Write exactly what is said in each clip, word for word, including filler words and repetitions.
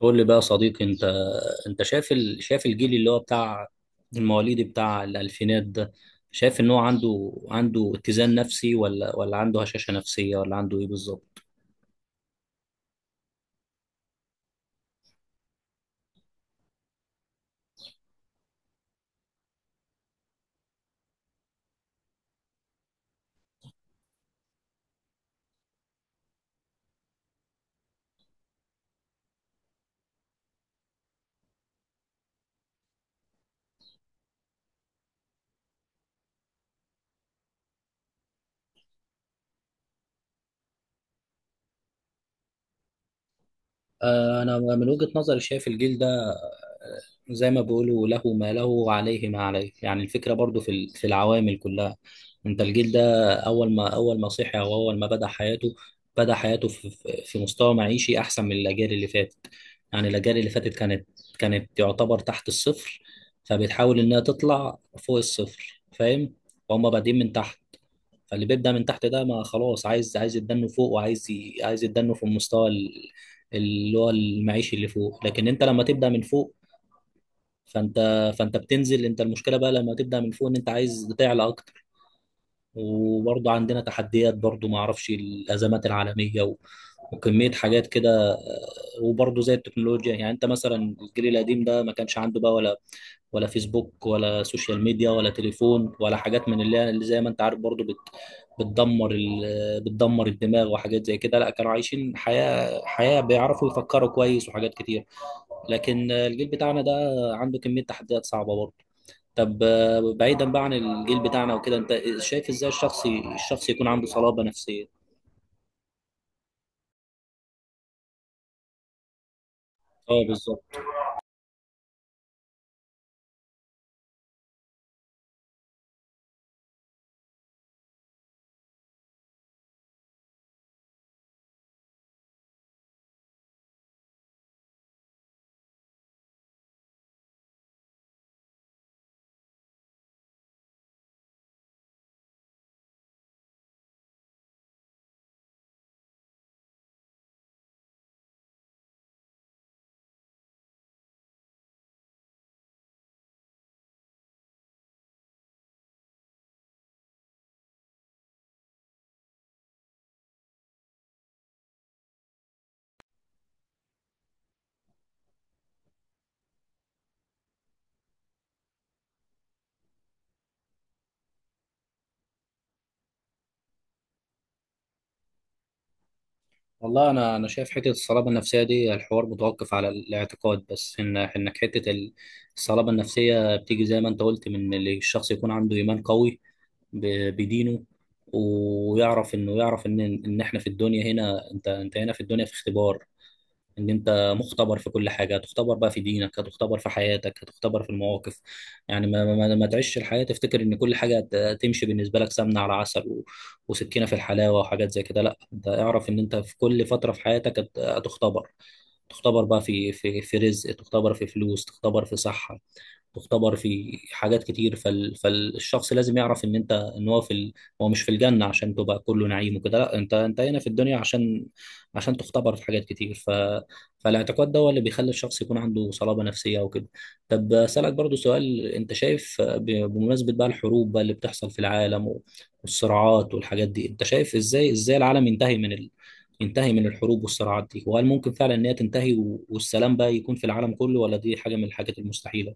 قول لي بقى يا صديقي انت. انت شايف ال... شايف الجيل اللي هو بتاع المواليد بتاع الالفينات ده. شايف ان هو عنده عنده اتزان نفسي ولا ولا عنده هشاشة نفسية ولا عنده ايه بالظبط؟ آه انا من وجهة نظري شايف الجيل ده زي ما بيقولوا له ما له وعليه ما عليه، يعني الفكرة برضو في ال- في العوامل كلها. انت الجيل ده اول ما اول ما صحي او اول ما بدأ حياته، بدأ حياته في في في مستوى معيشي احسن من الاجيال اللي فاتت. يعني الاجيال اللي فاتت كانت كانت يعتبر تحت الصفر، فبتحاول انها تطلع فوق الصفر، فاهم؟ وهم بادئين من تحت، فاللي بيبدأ من تحت ده ما خلاص عايز عايز يتدنه فوق، وعايز ي- عايز يتدنه في المستوى ال- اللي هو المعيشي اللي فوق. لكن انت لما تبدأ من فوق فانت فانت بتنزل. انت المشكله بقى لما تبدا من فوق ان انت عايز تعلى اكتر. وبرضه عندنا تحديات برضه، ما اعرفش الازمات العالميه و... وكميه حاجات كده، آه، وبرضه زي التكنولوجيا. يعني انت مثلا الجيل القديم ده ما كانش عنده بقى ولا ولا فيسبوك ولا سوشيال ميديا ولا تليفون ولا حاجات من اللي اللي زي ما انت عارف برضه بت... بتدمر ال... بتدمر الدماغ وحاجات زي كده. لا، كانوا عايشين حياه حياه بيعرفوا يفكروا كويس وحاجات كتير، لكن آه، الجيل بتاعنا ده عنده كميه تحديات صعبه برضه. طب آه، بعيدا بقى عن الجيل بتاعنا وكده، انت شايف ازاي الشخص الشخص يكون عنده صلابة نفسية؟ اه بالظبط. والله انا انا شايف حته الصلابه النفسيه دي الحوار متوقف على الاعتقاد بس، ان انك حته ال- الصلابه النفسيه بتيجي زي ما انت قلت من اللي الشخص يكون عنده ايمان قوي ب- بدينه، ويعرف انه يعرف ان ان احنا في الدنيا هنا، انت انت هنا في الدنيا في اختبار. ان انت مختبر في كل حاجه، هتختبر بقى في دينك، هتختبر في حياتك، هتختبر في المواقف. يعني ما, ما, ما تعيش الحياه تفتكر ان كل حاجه هت- تمشي بالنسبه لك سمنه على عسل و... وسكينه في الحلاوه وحاجات زي كده. لا، انت اعرف ان انت في كل فتره في حياتك هت- هتختبر. تختبر بقى في في في رزق، تختبر في فلوس، تختبر في صحه، تختبر في حاجات كتير. فال... فالشخص لازم يعرف ان انت ان هو في ال... هو مش في الجنة عشان تبقى كله نعيم وكده. لا، انت انت هنا في الدنيا عشان عشان تختبر في حاجات كتير. ف... فالاعتقاد ده هو اللي بيخلي الشخص يكون عنده صلابة نفسية وكده. طب أسألك برضو سؤال، انت شايف ب... بمناسبة بقى الحروب بقى اللي بتحصل في العالم و... والصراعات والحاجات دي، انت شايف ازاي ازاي العالم ينتهي من ال... ينتهي من الحروب والصراعات دي؟ وهل ممكن فعلا ان هي تنتهي و... والسلام بقى يكون في العالم كله، ولا دي حاجة من الحاجات المستحيلة؟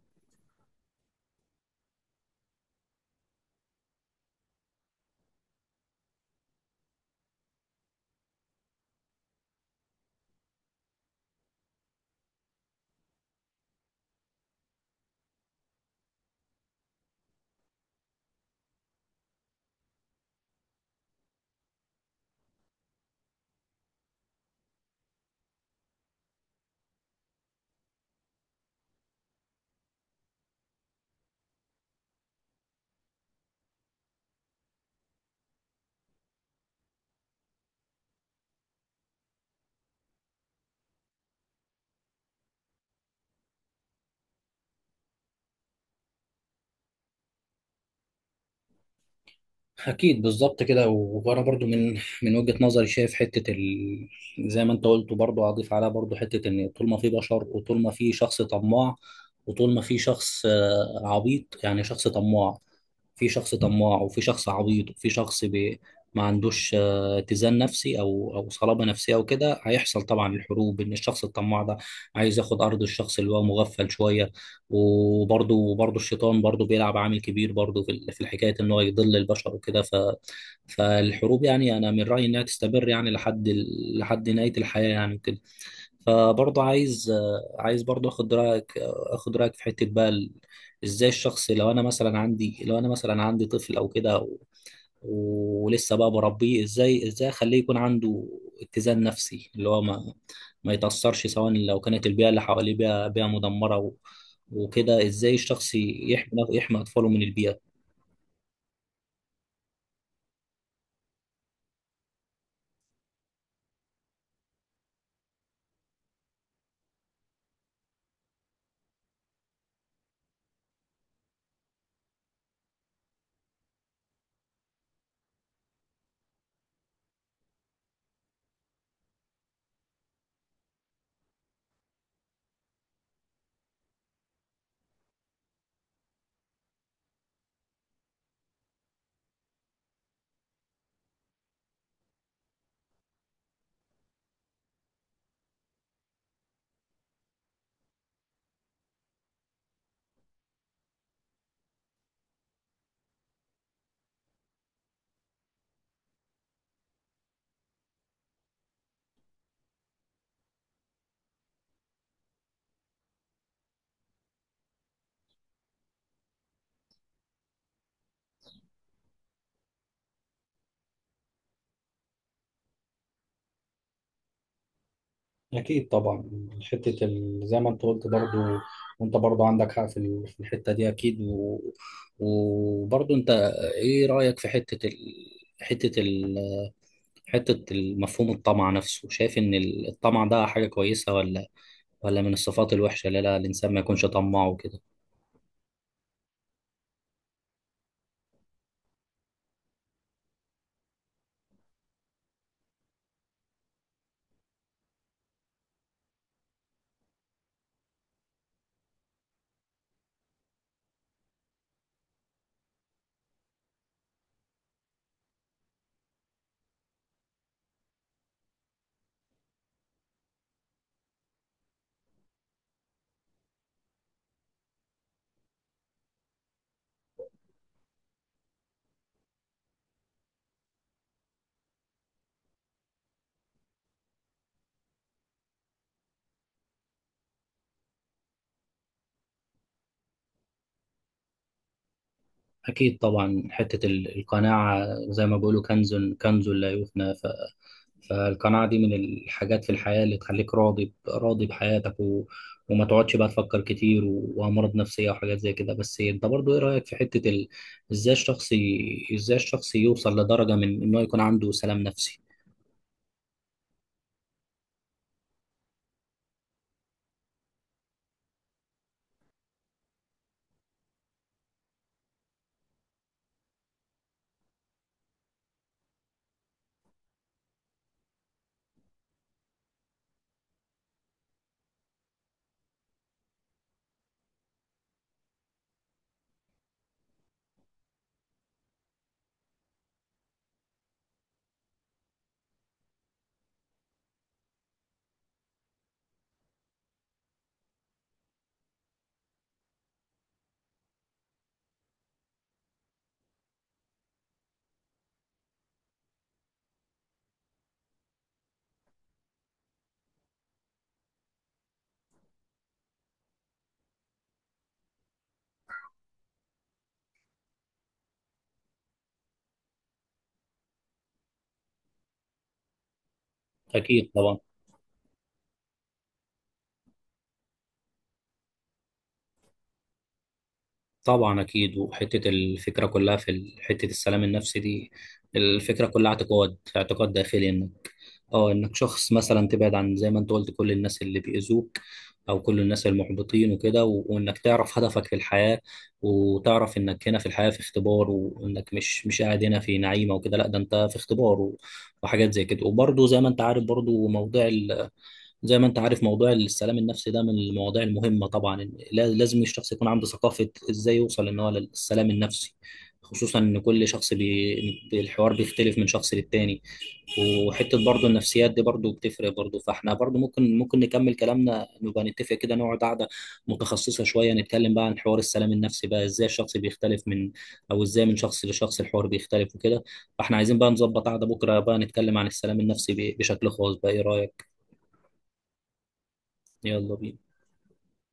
أكيد بالظبط كده. وأنا برضو من من وجهة نظري شايف حتة ال... زي ما أنت قلت برضو، أضيف عليها برضو حتة إن طول ما في بشر وطول ما في شخص طماع، وطول ما في شخص آه، عبيط، يعني شخص طماع. في شخص طماع وفي شخص عبيط وفي شخص بي... ما عندوش آه، اتزان نفسي أو أو صلابة نفسية أو كده، هيحصل طبعا الحروب. إن الشخص الطماع ده عايز ياخد أرض الشخص اللي هو مغفل شوية. وبرضه وبرضه الشيطان برضه بيلعب عامل كبير برضه في ال- في الحكايه ان هو يضل البشر وكده. ف، فالحروب يعني انا من رايي انها تستمر يعني لحد ال- لحد نهايه الحياه يعني وكده. فبرضه عايز، آه، عايز برضه اخد رايك، آه، اخد رايك في حته بقى ال- ازاي الشخص، لو انا مثلا عندي، لو انا مثلا عندي طفل او كده ولسه بقى بربيه، ازاي ازاي اخليه يكون عنده اتزان نفسي اللي هو ما ما يتأثرش، سواء لو كانت البيئة اللي حواليه بيئة بيئة مدمرة و... وكده؟ ازاي الشخص يحمي يحمي اطفاله من البيئة؟ أكيد طبعا، حتة ال... زي ما أنت قلت برضو. وأنت برضو عندك حق في ال- في الحتة دي أكيد و... وبرضه انت ايه رأيك في حتة ال... حتة ال... حتة المفهوم الطمع نفسه؟ شايف ان الطمع ده حاجة كويسة، ولا ولا من الصفات الوحشة اللي لا الإنسان ما يكونش طماع وكده؟ أكيد طبعا، حتة ال- القناعة زي ما بيقولوا كنز، كنز لا يفنى. ف... فالقناعة دي من الحاجات في الحياة اللي تخليك راضي ب- راضي بحياتك و... وما تقعدش بقى تفكر كتير و... وأمراض نفسية وحاجات زي كده. بس أنت برضو إيه رأيك في حتة ال... إزاي الشخص ي... إزاي الشخص يوصل لدرجة من إنه يكون عنده سلام نفسي؟ أكيد طبعا. طبعا اكيد. وحته الفكره كلها في ال- حته السلام النفسي دي، الفكره كلها اعتقاد، اعتقاد داخلي انك، اه انك شخص مثلا تبعد عن، زي ما انت قلت، كل الناس اللي بيأذوك او كل الناس المحبطين وكده. و، وانك تعرف هدفك في الحياه، وتعرف انك هنا في الحياه في اختبار، وانك مش مش قاعد هنا في نعيمه وكده. لا، ده انت في اختبار و، وحاجات زي كده. وبرضه زي ما انت عارف برضه موضوع، زي ما انت عارف، موضوع السلام النفسي ده من المواضيع المهمة طبعا. لا- لازم الشخص يكون عنده ثقافة ازاي يوصل ان هو للسلام النفسي، خصوصا ان كل شخص بي... الحوار بيختلف من شخص للتاني. وحتة برضو النفسيات دي برضو بتفرق برضو. فاحنا برضو ممكن ممكن نكمل كلامنا، نبقى نتفق كده نقعد قعدة متخصصة شوية، نتكلم بقى عن حوار السلام النفسي بقى ازاي الشخص بيختلف من او ازاي من شخص لشخص الحوار بيختلف وكده. فاحنا عايزين بقى نظبط قعدة بكرة بقى نتكلم عن السلام النفسي ب- بشكل خاص بقى، ايه رأيك؟ يلا بينا.